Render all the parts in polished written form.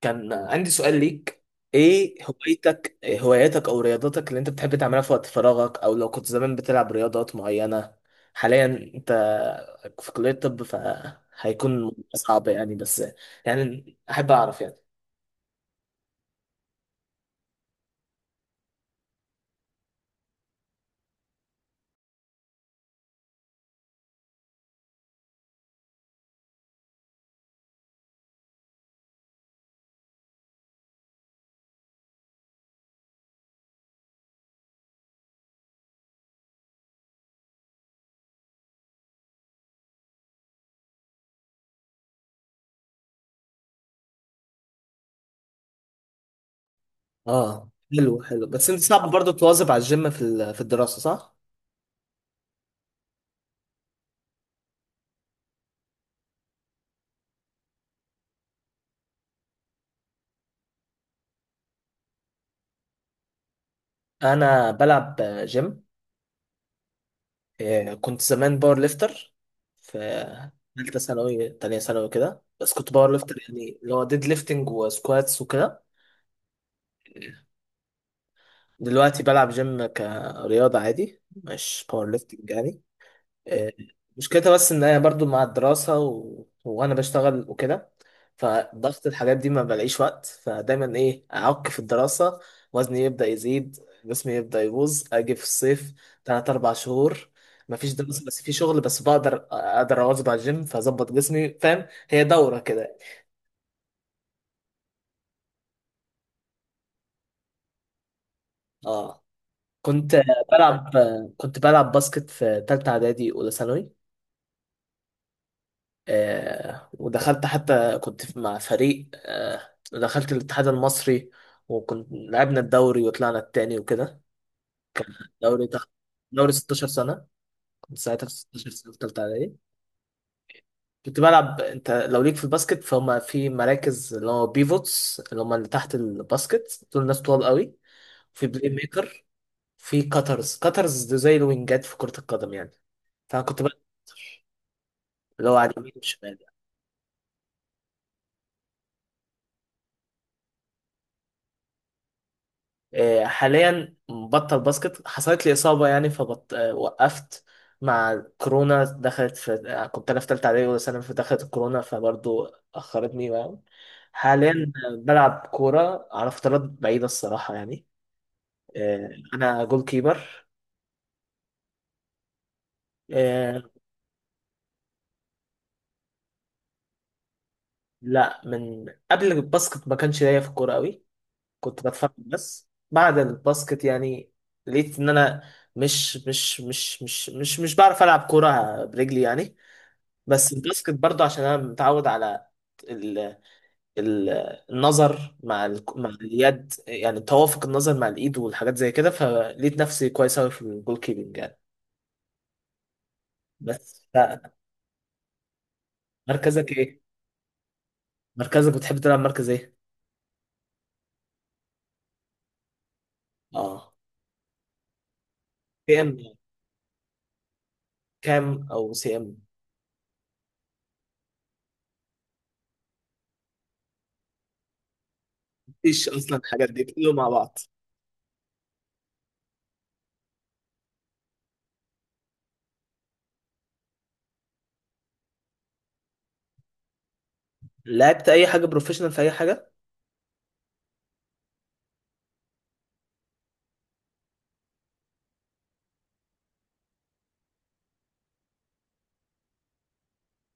كان عندي سؤال ليك. ايه هواياتك او رياضاتك اللي انت بتحب تعملها في وقت فراغك، او لو كنت زمان بتلعب رياضات معينة؟ حاليا، انت في كلية طب فهيكون صعب يعني، بس يعني احب اعرف يعني. اه، حلو حلو، بس انت صعب برضه تواظب على الجيم في الدراسة، صح؟ انا بلعب جيم. كنت زمان باور ليفتر في ثالثة ثانوي تانية ثانوي كده، بس كنت باور ليفتر يعني اللي هو ديد ليفتنج وسكواتس وكده. دلوقتي بلعب جيم كرياضة عادي، مش باور ليفتنج يعني. آه، مشكلتها بس ان انا برضو مع الدراسة وانا بشتغل وكده، فضغط الحاجات دي ما بلاقيش وقت، فدايما ايه اعك في الدراسة. وزني يبدأ يزيد، جسمي يبدأ يبوظ. اجي في الصيف تلات اربع شهور مفيش دراسة بس في شغل، بس بقدر اقدر اواظب على الجيم فاظبط جسمي، فاهم؟ هي دورة كده. اه، كنت بلعب كنت بلعب باسكت في تالتة اعدادي اولى ثانوي. ودخلت، حتى مع فريق، دخلت الاتحاد المصري، وكنت لعبنا الدوري وطلعنا التاني وكده. دوري تخ... دوري 16 سنة. كنت ساعتها في 16 سنة في تالتة إعدادي. كنت بلعب، أنت لو ليك في الباسكت فهم في مراكز، اللي هو بيفوتس اللي هم اللي تحت الباسكت، دول ناس طوال قوي. في بلاي ميكر، في كاترز. كاترز دول زي الوينجات في كرة القدم يعني. فأنا كنت بلعب cutter، اللي هو على اليمين والشمال. حاليا بطل باسكت، حصلت لي إصابة يعني فبط... آه، وقفت. مع كورونا دخلت في آه، كنت أنا في تالتة إعدادي ولا ثانوي، فدخلت الكورونا فبرضو أخرتني يعني. حاليا، بلعب كورة على فترات بعيدة الصراحة يعني. أنا جول كيبر. آه، لا، من قبل الباسكت ما كانش ليا في الكورة قوي، كنت بتفرج بس. بعد الباسكت يعني لقيت إن أنا مش بعرف ألعب كورة برجلي يعني، بس الباسكت برضه عشان انا متعود على ال... ال... النظر مع مع اليد، يعني توافق النظر مع الايد والحاجات زي كده، فلقيت نفسي كويس قوي في الجول كيبنج يعني. بس ف- مركزك ايه؟ مركزك بتحب تلعب مركز ايه؟ اه، سي ام كام او سي ام. مفيش اصلا، الحاجات دي كله مع بعض. لعبت اي حاجه بروفيشنال في اي حاجه؟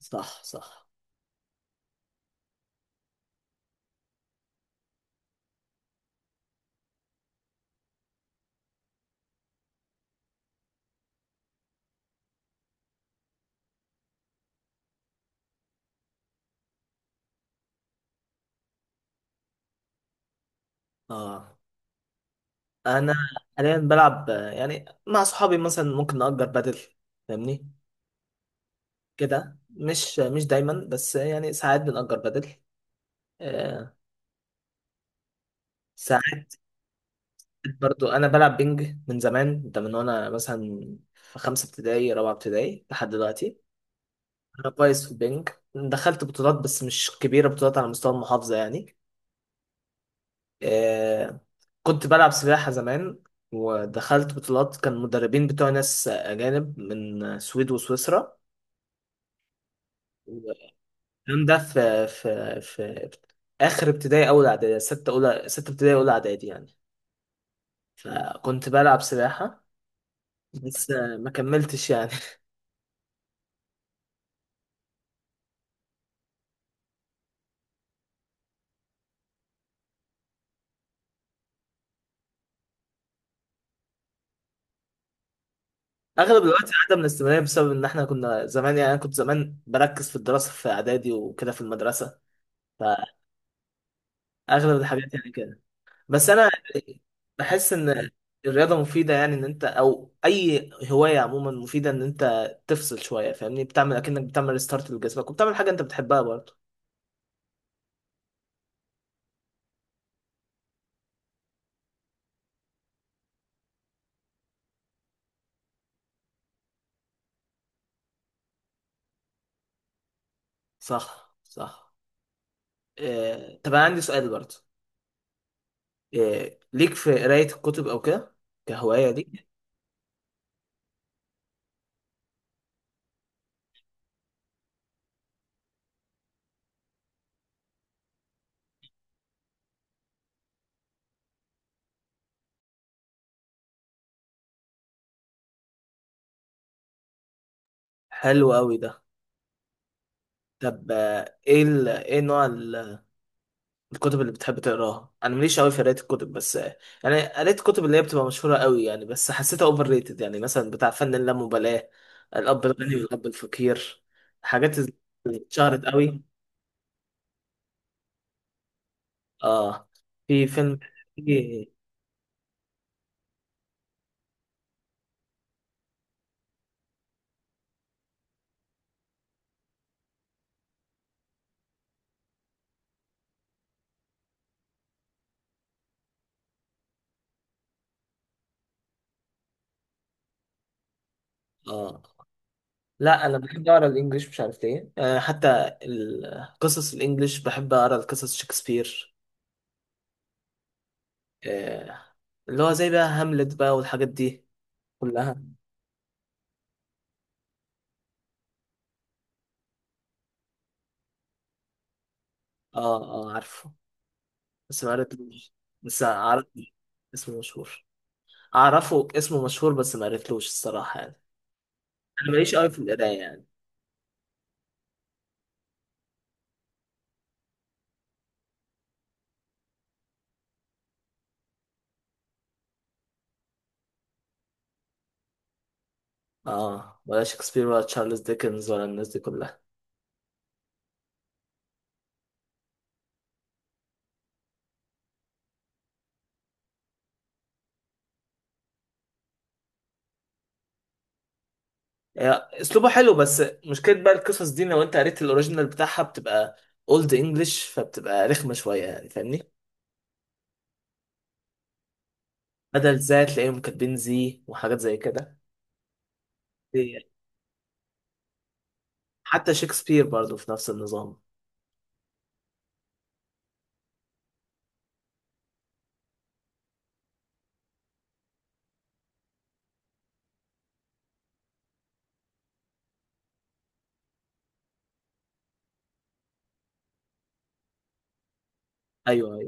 صح صح. اه، انا حاليا بلعب، يعني مع صحابي مثلا ممكن نأجر بادل، فاهمني؟ كده، مش دايما، بس يعني ساعات بنأجر بدل. آه، ساعات. برضو انا بلعب بينج من زمان، ده من وانا مثلا في خمسة ابتدائي رابعة ابتدائي لحد دلوقتي. انا كويس في البينج، دخلت بطولات بس مش كبيرة، بطولات على مستوى المحافظة يعني. آه، كنت بلعب سباحة زمان ودخلت بطولات، كان مدربين بتوع ناس أجانب من السويد وسويسرا. الكلام ده في آخر ابتدائي أول إعدادي، ستة ابتدائي أولى إعدادي يعني. كنت بلعب سباحة بس ما كملتش يعني. اغلب الوقت عدم من الاستمرارية، بسبب ان احنا كنا زمان يعني انا كنت زمان بركز في الدراسة في اعدادي وكده في المدرسة، فاغلب الحاجات يعني كده. بس انا بحس ان الرياضة مفيدة يعني، ان انت او اي هواية عموما مفيدة، ان انت تفصل شوية، فاهمني؟ بتعمل اكنك بتعمل ريستارت لجسمك، وبتعمل حاجة انت بتحبها برضه. صح صح. طب انا عندي سؤال برضه. ليك في قراية الكتب او كده، كهواية ليك؟ حلو قوي ده. طب ايه ايه نوع الكتب اللي بتحب تقراها؟ انا ماليش قوي في قرايه الكتب، بس يعني قريت الكتب اللي هي بتبقى مشهوره قوي يعني، بس حسيتها اوفر ريتد يعني، مثلا بتاع فن اللامبالاه، الاب الغني والاب الفقير، حاجات ز- اتشهرت قوي. اه، في فيلم. في- اه لا، انا بحب اقرا الانجليش مش عارف ليه. حتى القصص الانجليش بحب اقرا، القصص شكسبير، آه اللي هو زي بقى هاملت بقى والحاجات دي كلها. اه، اه، عارفه بس ما قريتلوش. بس عارف اسمه مشهور، اعرفه اسمه مشهور، بس ما قريتلوش الصراحة يعني. انا ماليش قوي في القراية يعني. اه، ولا شكسبير ولا تشارلز ديكنز ولا الناس دي كلها. هي اسلوبه حلو، بس مشكلة بقى القصص دي لو انت قريت الاوريجينال بتاعها بتبقى اولد انجلش، فبتبقى رخمة شوية يعني، فاهمني؟ بدل زي تلاقيهم كاتبين زي وحاجات زي كده. دي- حتى شكسبير برضو في نفس النظام. ايوه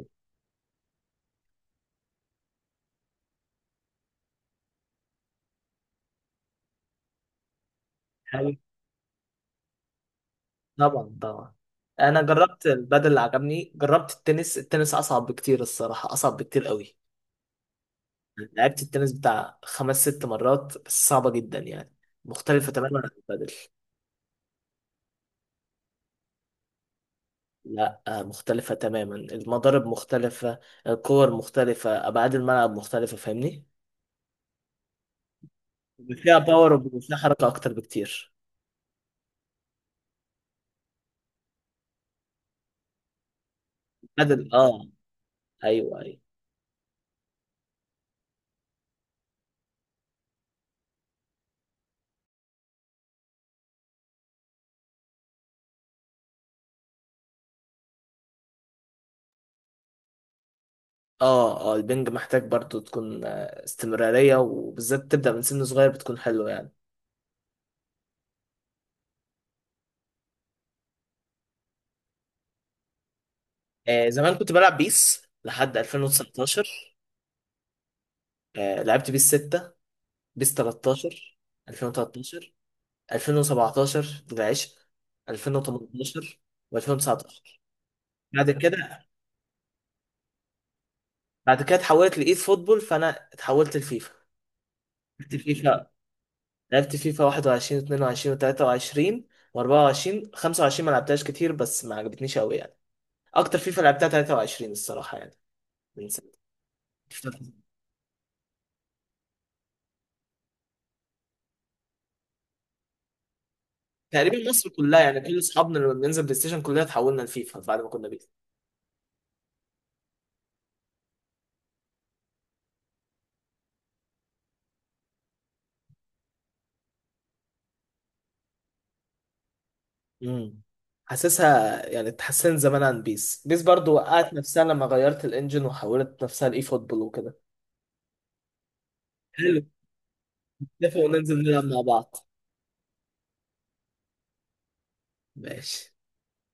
ايوه، طبعا طبعا. انا جربت البادل، اللي عجبني، جربت التنس. التنس اصعب بكتير الصراحه، اصعب بكتير قوي. لعبت التنس بتاع خمس ست مرات بس، صعبه جدا يعني، مختلفه تماما عن البادل. لا، مختلفه تماما. المضارب مختلفه، الكور مختلفه، ابعاد الملعب مختلفه، فاهمني؟ فيها باور وفيها حركه اكتر بكتير. البادل، اه. ايوه ايوه. اه اه، البنج محتاج برضو تكون استمراريه، وبالذات تبدا من سن صغير بتكون حلوه يعني. زمان كنت بلعب بيس لحد 2019. لعبت بيس 6، بيس 13، 2013، 2017 العشق، 2018 و2019. بعد كده، اتحولت لإيد فوتبول، فأنا اتحولت لفيفا. لعبت فيفا لعبت فيفا 21، 22، 23، و24. 25 ما لعبتهاش كتير، بس ما عجبتنيش قوي يعني. اكتر فيفا لعبتها 23 الصراحة يعني، من سنة تقريبا. مصر كلها يعني كل اصحابنا لما بننزل بلاي ستيشن كلنا اتحولنا لفيفا بعد ما كنا بيس. امم حاسسها يعني اتحسنت زمان عن بيس. بيس برضو وقعت نفسها لما غيرت الانجن وحولت نفسها لاي فوتبول وكده. حلو، نتفق وننزل نلعب مع بعض. ماشي.